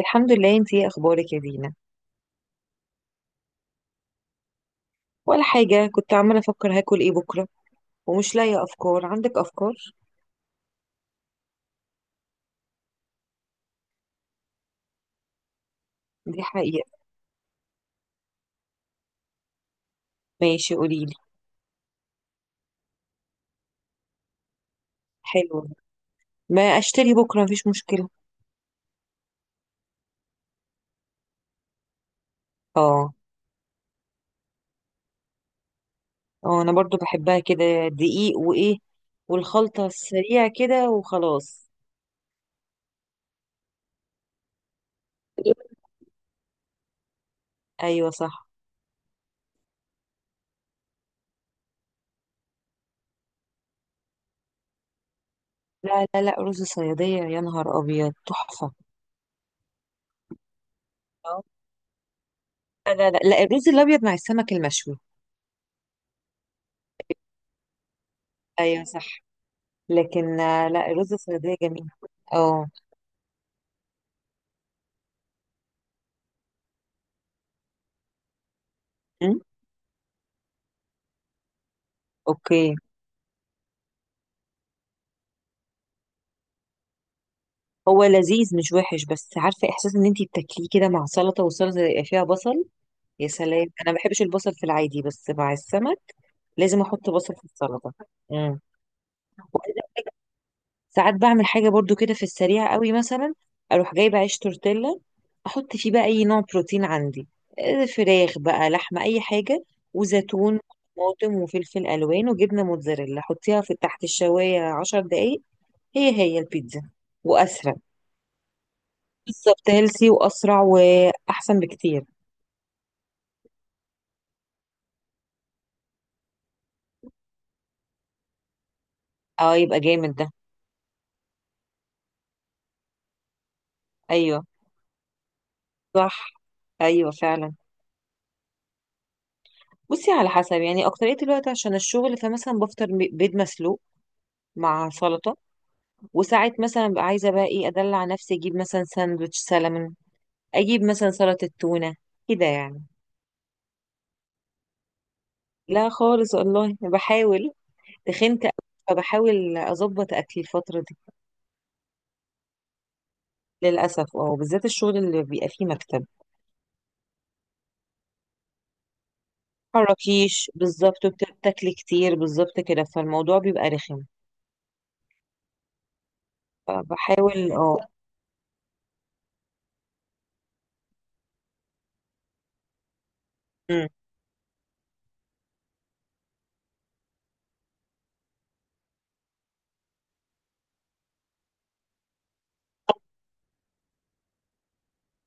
الحمد لله. انتي ايه اخبارك يا دينا؟ ولا حاجة، كنت عمالة افكر هاكل ايه بكرة ومش لاقية افكار. عندك افكار؟ دي حقيقة. ماشي قوليلي. حلو، ما اشتري بكرة مفيش مشكلة. اه اه، انا برضو بحبها كده، دقيق وايه، والخلطة السريعة كده وخلاص. ايوه صح. لا لا لا، رز صيادية، يا نهار ابيض تحفة. اه. لا لا لا، الرز الابيض مع السمك المشوي. ايوه صح. لكن لا، الرز الصيادية جميل. اه. أم، اوكي. هو لذيذ مش وحش، بس عارفه احساس ان انتي بتاكليه كده مع سلطه، والسلطه يبقى فيها بصل. يا سلام، انا ما بحبش البصل في العادي، بس مع السمك لازم احط بصل في السلطه. امم. ساعات بعمل حاجه برضو كده في السريع قوي، مثلا اروح جايبه عيش تورتيلا، احط فيه بقى اي نوع بروتين عندي، فراخ بقى، لحمه، اي حاجه، وزيتون وطماطم وفلفل الوان وجبنه موتزاريلا، حطيها في تحت الشوايه 10 دقايق. هي هي البيتزا. واسرع. بالظبط، هيلسي واسرع واحسن بكتير. اه، يبقى جامد ده. ايوه صح. ايوه فعلا. بصي، على حسب يعني، اكتريه الوقت عشان الشغل، فمثلا بفطر بيض مسلوق مع سلطه. وساعات مثلا ببقى عايزه بقى ايه، ادلع نفسي، اجيب مثلا ساندوتش سلمون، اجيب مثلا سلطه تونه، كده يعني. لا خالص والله، بحاول. تخنت أوي، فبحاول اظبط اكلي الفتره دي. للاسف اه، بالذات الشغل اللي بيبقى فيه مكتب، متحركيش بالظبط، وبتاكلي كتير بالظبط كده، فالموضوع بيبقى رخم. فبحاول اه. مم.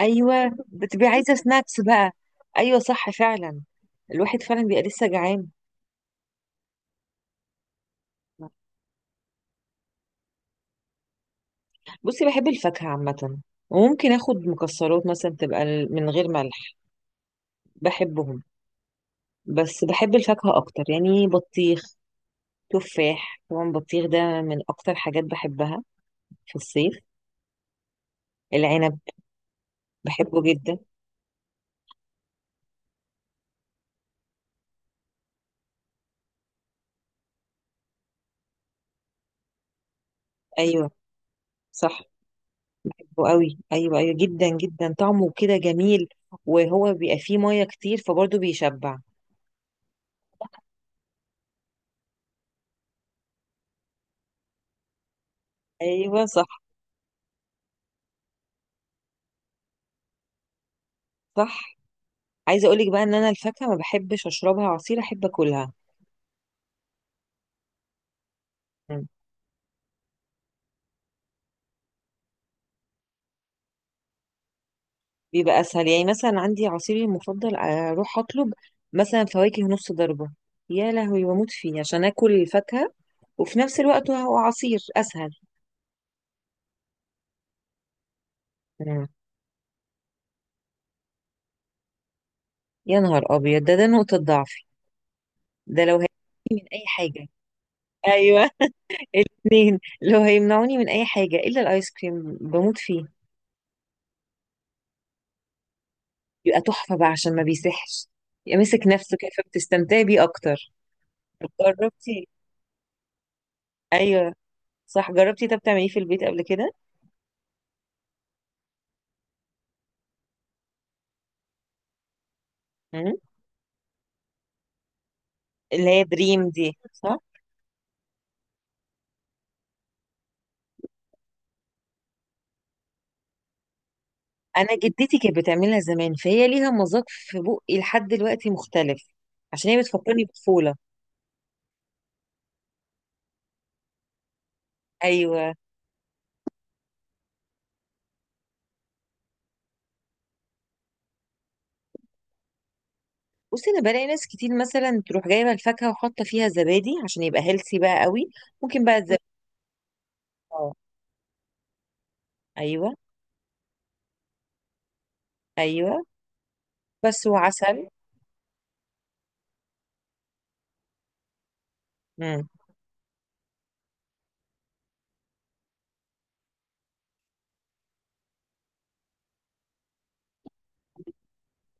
ايوه، بتبقي عايزه سناكس بقى. ايوه صح فعلا، الواحد فعلا بيبقى لسه جعان. بصي، بحب الفاكهه عامه، وممكن اخد مكسرات مثلا تبقى من غير ملح، بحبهم. بس بحب الفاكهه اكتر، يعني بطيخ، تفاح، طبعا بطيخ ده من اكتر حاجات بحبها في الصيف، العنب. بحبه جدا. ايوه صح. حلو قوي، ايوه ايوه جدا جدا، طعمه كده جميل، وهو بيبقى فيه ميه كتير فبرضه بيشبع. ايوه صح. صح. عايزه اقولك بقى ان انا الفاكهه ما بحبش اشربها عصير، احب اكلها. مم. بيبقى اسهل، يعني مثلا عندي عصيري المفضل، اروح اطلب مثلا فواكه نص ضربه، يا لهوي بموت فيه عشان اكل الفاكهه وفي نفس الوقت هو عصير اسهل. مم. يا نهار ابيض، ده نقطه ضعفي. ده لو هي من اي حاجه. ايوه. الاثنين، لو هيمنعوني من اي حاجه الا الايس كريم بموت فيه. يبقى تحفه بقى عشان ما بيسحش، يبقى ماسك نفسه كده فبتستمتعي بيه اكتر. طب جربتي؟ ايوه صح، جربتي؟ طب تعمليه في البيت قبل كده؟ مم. اللي هي دريم دي، صح؟ انا جدتي كانت بتعملها زمان، فهي ليها مذاق في بقي لحد دلوقتي مختلف، عشان هي بتفكرني بطفوله. ايوه. بصي انا بلاقي ناس كتير مثلا تروح جايبه الفاكهه وحاطه فيها زبادي عشان يبقى هيلثي بقى قوي. ممكن بقى الزبادي. اه. ايوه ايوه. بس وعسل. مم.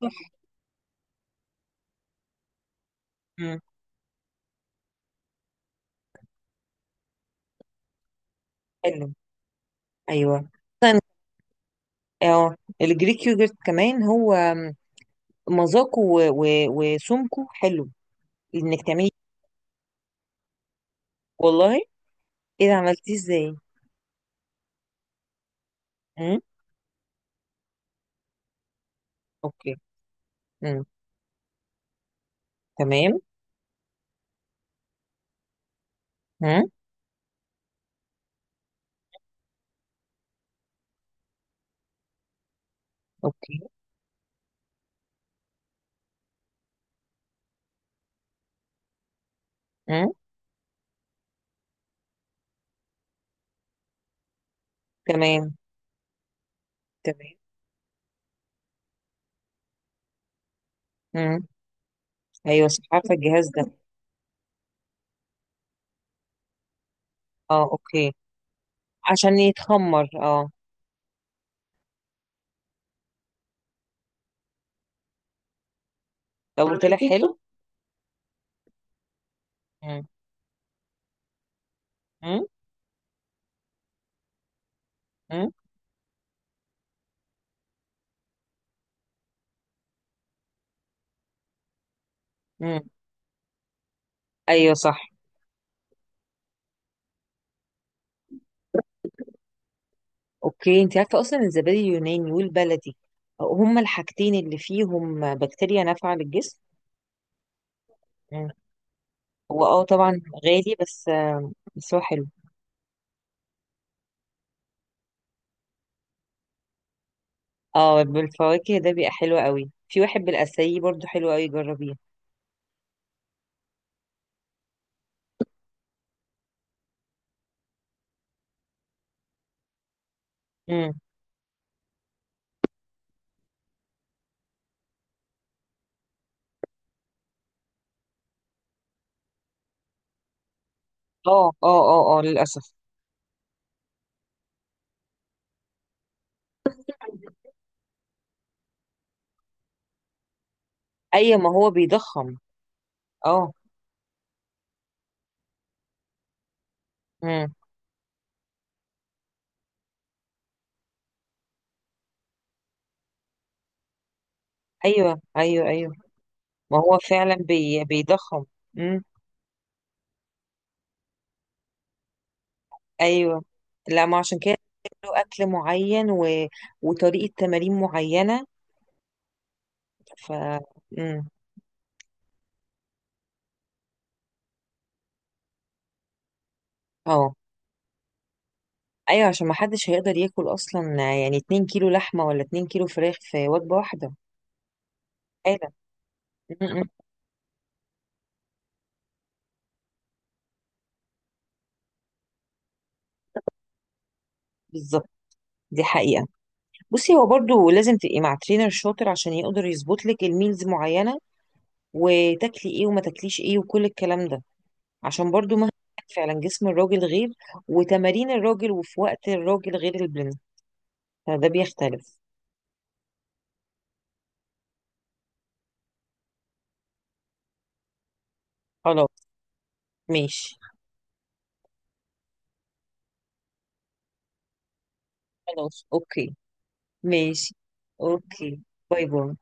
تحفة. مم. حلو. ايوه مثلا. اه. الجريك يوجرت كمان، هو مذاقه وسمكه حلو. انك تعملي؟ والله؟ ايه ده، عملتيه ازاي؟ امم. اوكي. امم. تمام. امم. اوكي. امم. تمام. تمام. امم. ايوه صح، عارفه الجهاز ده. اه اوكي. عشان يتخمر، اه. لو طلع حلو. امم. امم. امم. أمم. ايوه صح. اوكي، انت عارفه اصلا الزبادي اليوناني والبلدي هما الحاجتين اللي فيهم بكتيريا نافعه للجسم. مم. هو اه طبعا غالي، بس بس هو حلو. اه، بالفواكه ده بيبقى حلو قوي، في واحد بالاساي برضو حلو قوي، جربيه. مم. اه اه اه اه، للاسف. اي، ما هو بيضخم. اه. مم. ايوه ايوه ايوه. ما هو فعلا بيضخم. امم. ايوه. لا ما عشان كده له اكل معين و... وطريقه تمارين معينه. ف. امم. اه ايوه، عشان ما حدش هيقدر ياكل اصلا، يعني 2 كيلو لحمه ولا 2 كيلو فراخ في وجبه واحده. آلة. م-م. بالظبط. دي حقيقه. بصي، هو برضو لازم تبقي مع ترينر شاطر عشان يقدر يظبط لك الميلز معينه، وتاكلي ايه وما تاكليش ايه وكل الكلام ده، عشان برضو مهما كان، فعلا جسم الراجل غير، وتمارين الراجل، وفي وقت الراجل غير البلن، فده بيختلف. خلاص ماشي. خلاص اوكي. ماشي. اوكي. باي باي.